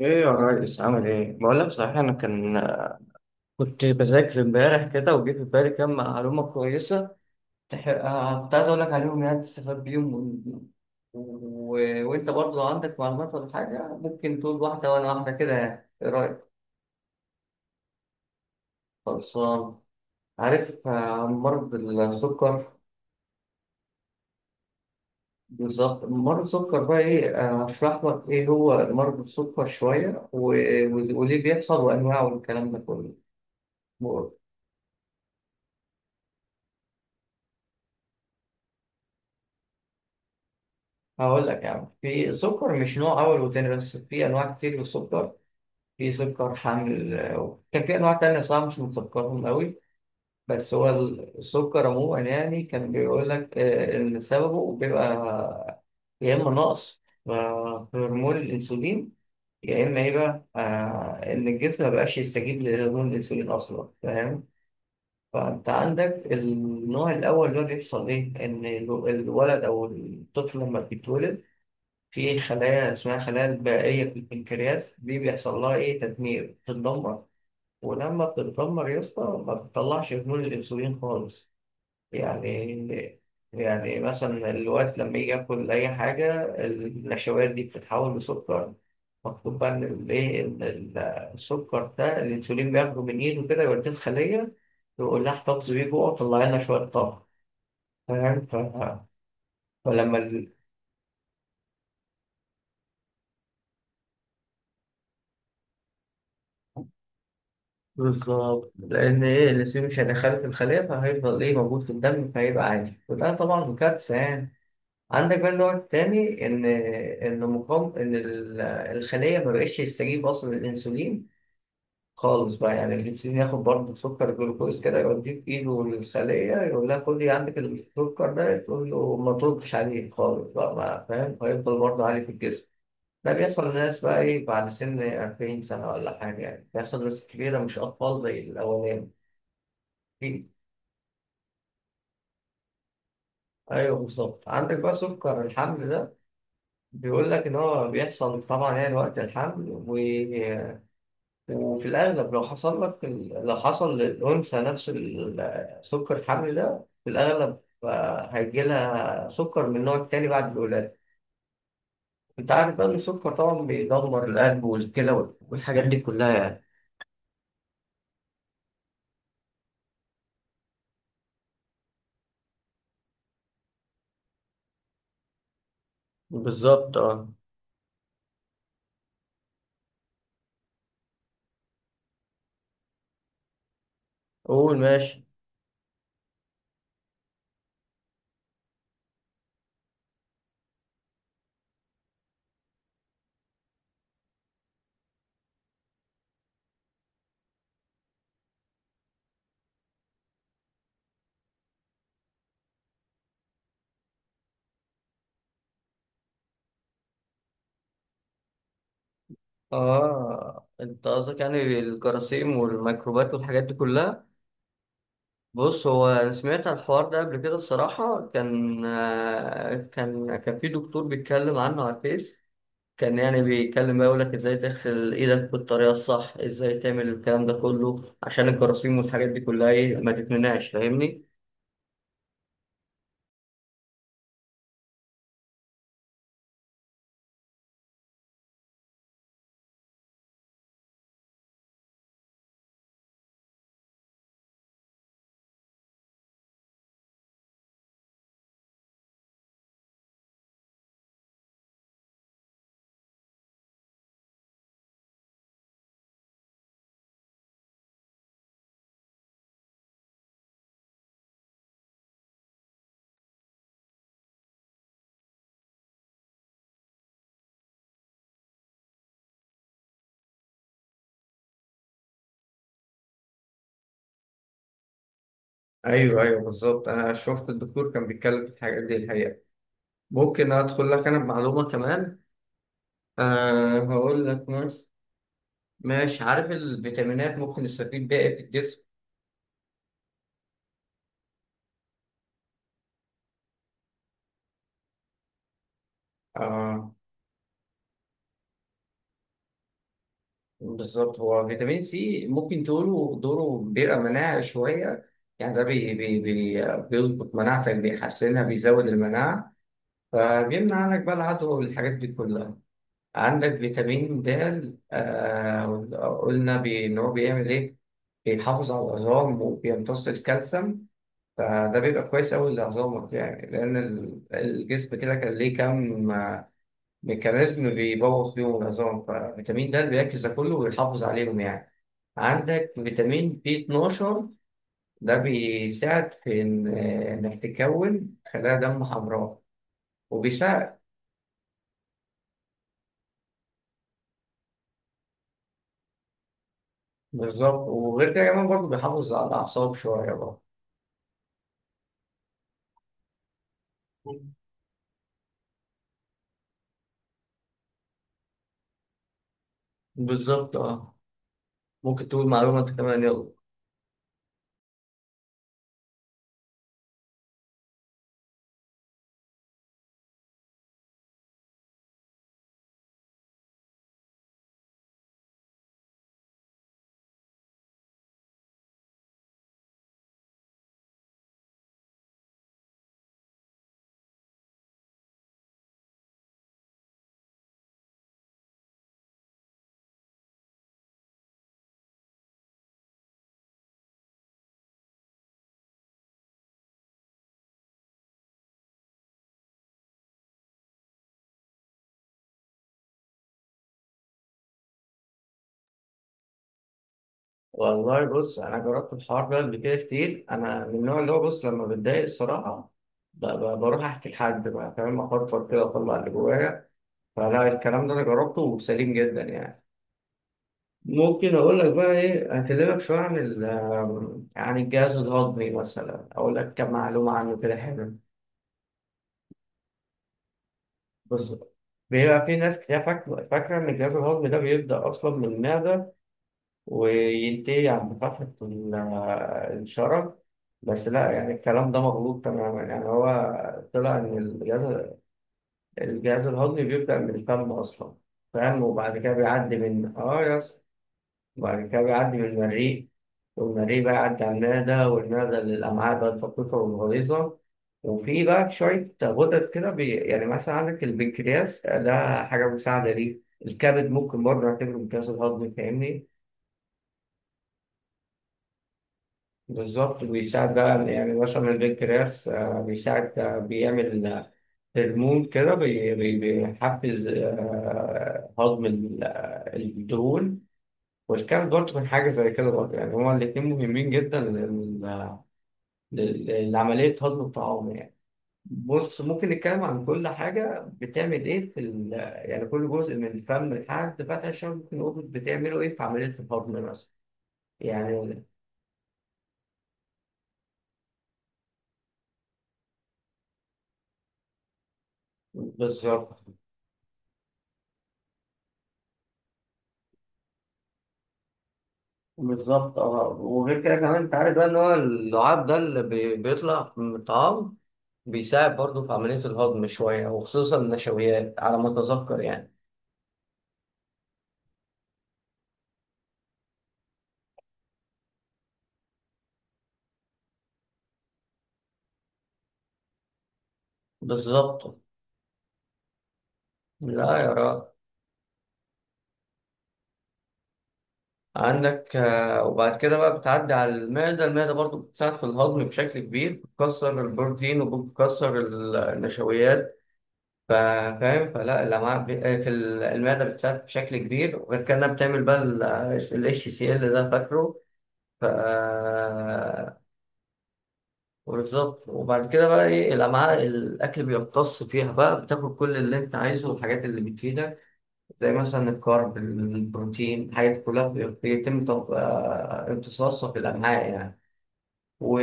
ايه يا ريس، عامل ايه؟ بقول لك صحيح، انا كنت بذاكر امبارح كده، وجه في بالي كام معلومة كويسة. كنت عايز اقول لك عليهم، يعني تستفاد بيهم و... وانت برضه لو عندك معلومات ولا حاجة ممكن تقول واحدة وانا واحدة كده، يعني ايه رأيك؟ خلصان. عارف مرض السكر؟ بالظبط، مرض السكر بقى ايه؟ هشرح لك ايه هو مرض السكر شوية، وليه بيحصل، وانواعه، والكلام ده كله. هقول لك يعني، في سكر مش نوع أول وتاني، بس في أنواع كتير من السكر. في سكر حامل، وكان في أنواع تانية صراحة مش متذكرهم أوي، بس هو السكر عموما يعني كان بيقول لك إن سببه بيبقى يا إما نقص في هرمون الأنسولين، يا إما إيه بقى، إن الجسم مبقاش يستجيب لهرمون الأنسولين أصلا، فاهم. فأنت عندك النوع الأول، اللي هو بيحصل إيه، إن الولد أو الطفل لما بيتولد في خلايا اسمها خلايا البائية في البنكرياس، دي بيحصل لها إيه، تدمير، بتتدمر. ولما بتتدمر يا اسطى ما بتطلعش هرمون الأنسولين خالص. يعني، يعني مثلا الوقت لما يجي ياكل أي حاجة، النشويات دي بتتحول لسكر. مكتوب بقى إن الإيه، السكر ده الأنسولين بياخده من إيده كده، يوديه الخلية، يقول لها احتفظ بيه جوه وطلع لنا شوية طاقة. فاهم. فلما... بالظبط، لأن إيه، الأنسولين مش هيدخله في الخلية، فهيفضل إيه، موجود في الدم، فهيبقى عادي، وده طبعا كارثة يعني. عندك بقى النوع التاني، إن إن مقام الخلية ما بقتش تستجيب أصلا للأنسولين خالص بقى. يعني الأنسولين ياخد برضه سكر جلوكوز كده، يوديه في إيده للخلية، يقول لها خدي عندك السكر ده، تقول له ما تردش عليه خالص بقى، ما فاهم، فيفضل برضه عالي في الجسم. ده بيحصل للناس بقى إيه، بعد سن 40 سنة ولا حاجة يعني، بيحصل لناس كبيرة مش أطفال زي الأولاني. فيه، ايوه بالظبط. عندك بقى سكر الحمل ده، بيقول لك ان هو بيحصل طبعا يعني وقت الحمل، وفي الاغلب لو حصل لك لو حصل للانثى نفس سكر الحمل ده، في الاغلب هيجيلها سكر من النوع التاني بعد الولاده. انت عارف بقى ان السكر طبعا بيدمر القلب والكلى والحاجات دي كلها يعني. بالظبط اه. قول ماشي. اه، انت قصدك يعني الجراثيم والميكروبات والحاجات دي كلها. بص، هو أنا سمعت عن الحوار ده قبل كده الصراحة، كان كان في دكتور بيتكلم عنه على الفيس، كان يعني بيتكلم بقى يقول لك ازاي تغسل ايدك بالطريقة الصح، ازاي تعمل الكلام ده كله عشان الجراثيم والحاجات دي كلها ايه، ما تتمنعش، فاهمني. ايوه ايوه بالظبط، انا شفت الدكتور كان بيتكلم في الحاجات دي الحقيقه. ممكن ادخل لك انا بمعلومه كمان؟ أه هقول لك. ماشي ماشي. عارف الفيتامينات ممكن نستفيد بيها إيه في الجسم؟ بالظبط، هو فيتامين سي ممكن تقوله دوره بيبقى مناعة شوية، يعني ده بي بي بي بيظبط مناعتك، بيحسنها، بيزود المناعة، فبيمنع عنك بقى العدوى والحاجات دي كلها. عندك فيتامين د، قلنا إن هو بيعمل إيه؟ بيحافظ على العظام، وبيمتص الكالسيوم، فده بيبقى كويس أوي لعظامك يعني، لأن الجسم كده كان ليه كام ميكانيزم بيبوظ بيهم العظام، ففيتامين د بيركز ده كله ويحافظ عليهم يعني. عندك فيتامين بي 12، ده بيساعد في إنك تكون خلايا دم حمراء، وبيساعد... بالظبط، وغير كده كمان برضه بيحافظ على الأعصاب شوية برضه. بالظبط اه. ممكن تقول معلومة انت كمان، يلا. والله بص، انا جربت الحوار ده قبل كده كتير، انا من النوع اللي هو، بص لما بتضايق الصراحة بروح احكي لحد بقى، فاهم، افرفر كده، اطلع اللي جوايا. فلا الكلام ده انا جربته وسليم جدا يعني. ممكن اقول لك بقى ايه، اكلمك شويه عن ال- آم، عن الجهاز الهضمي مثلا، اقول لك كم معلومه عنه كده، حلو. بص، بيبقى في ناس كتير فاكره ان الجهاز الهضمي ده بيبدا اصلا من المعده، وينتهي عند فتحه الشرج، بس لا، يعني الكلام ده مغلوط تماما، يعني هو طلع ان الجهاز الهضمي بيبدا من الفم اصلا. فاهم. وبعد كده بيعدي من اه يا... وبعد كده بيعدي من المريء، والمريء بقى يعدي على المعدة، والمعدة للأمعاء بقى الدقيقة والغليظة. وفي بقى شوية غدد كده يعني مثلا عندك البنكرياس، ده حاجة مساعدة ليه. الكبد ممكن برضه نعتبره بنكرياس الهضمي، فاهمني. بالظبط، بيساعد بقى، يعني مثلا البنكرياس بيساعد بيعمل هرمون كده، بيحفز هضم الدهون، والكبد برضه من حاجة زي كده برضه يعني، هما الاتنين مهمين جدا لعملية هضم الطعام يعني. بص، ممكن نتكلم عن كل حاجة بتعمل إيه في ال... يعني كل جزء من الفم لحد فتح الشم ممكن نقول بتعمله إيه في عملية الهضم مثلا يعني. بالظبط بالظبط اه، وغير كده كمان أنت عارف بقى إن هو اللعاب ده اللي بيطلع من الطعام بيساعد برضه في عملية الهضم شوية، وخصوصا النشويات على ما أتذكر يعني. بالظبط. لا يا راجل. عندك وبعد كده بقى بتعدي على المعدة، المعدة برضو بتساعد في الهضم بشكل كبير، بتكسر البروتين وبتكسر النشويات. فاهم. فلا الأمعاء في المعدة بتساعد بشكل كبير، وغير كده إنها بتعمل بقى ال اتش سي ال ده، فاكره. ف... وبالظبط، وبعد كده بقى ايه، الأمعاء الأكل بيمتص فيها بقى، بتاكل كل اللي أنت عايزه والحاجات اللي بتفيدك، زي مثلا الكارب، البروتين، الحاجات دي كلها بي- بيتم تم- آه، امتصاصها في الأمعاء يعني. و...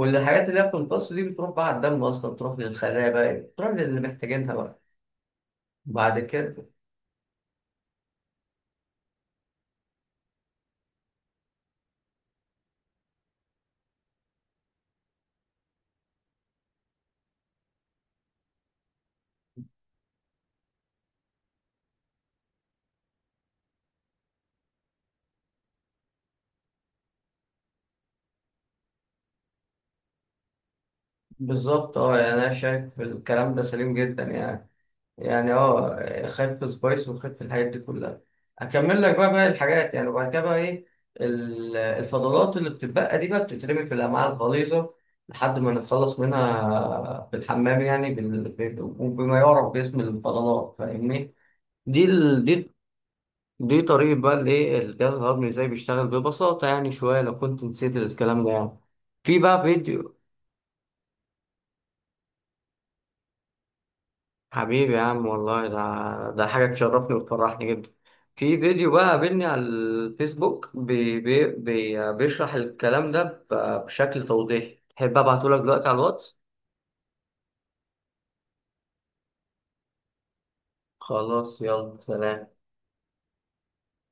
والحاجات اللي هي بتمتص دي بتروح بقى على الدم أصلا، بتروح للخلايا بقى، بتروح للي محتاجينها بقى بعد كده. بالظبط اه، يعني أنا شايف الكلام ده سليم جدا يعني، يعني اه خايف في سبايس وخايف في الحاجات دي كلها. هكمل لك بقى باقي الحاجات يعني، وبعد كده بقى ايه، الفضلات اللي بتتبقى دي بقى بتترمي في الامعاء الغليظه لحد ما نتخلص منها في الحمام يعني، وبما يعرف باسم الفضلات، فاهمني. دي ال... دي دي طريقة بقى الايه الجهاز الهضمي ازاي بيشتغل ببساطة، يعني شوية لو كنت نسيت الكلام ده يعني. في بقى فيديو... حبيبي يا عم، والله ده حاجة تشرفني وتفرحني جدا. في فيديو بقى قابلني على الفيسبوك بي بي بي بيشرح الكلام ده بشكل توضيحي، تحب ابعته لك دلوقتي على الواتس؟ خلاص، يلا سلام.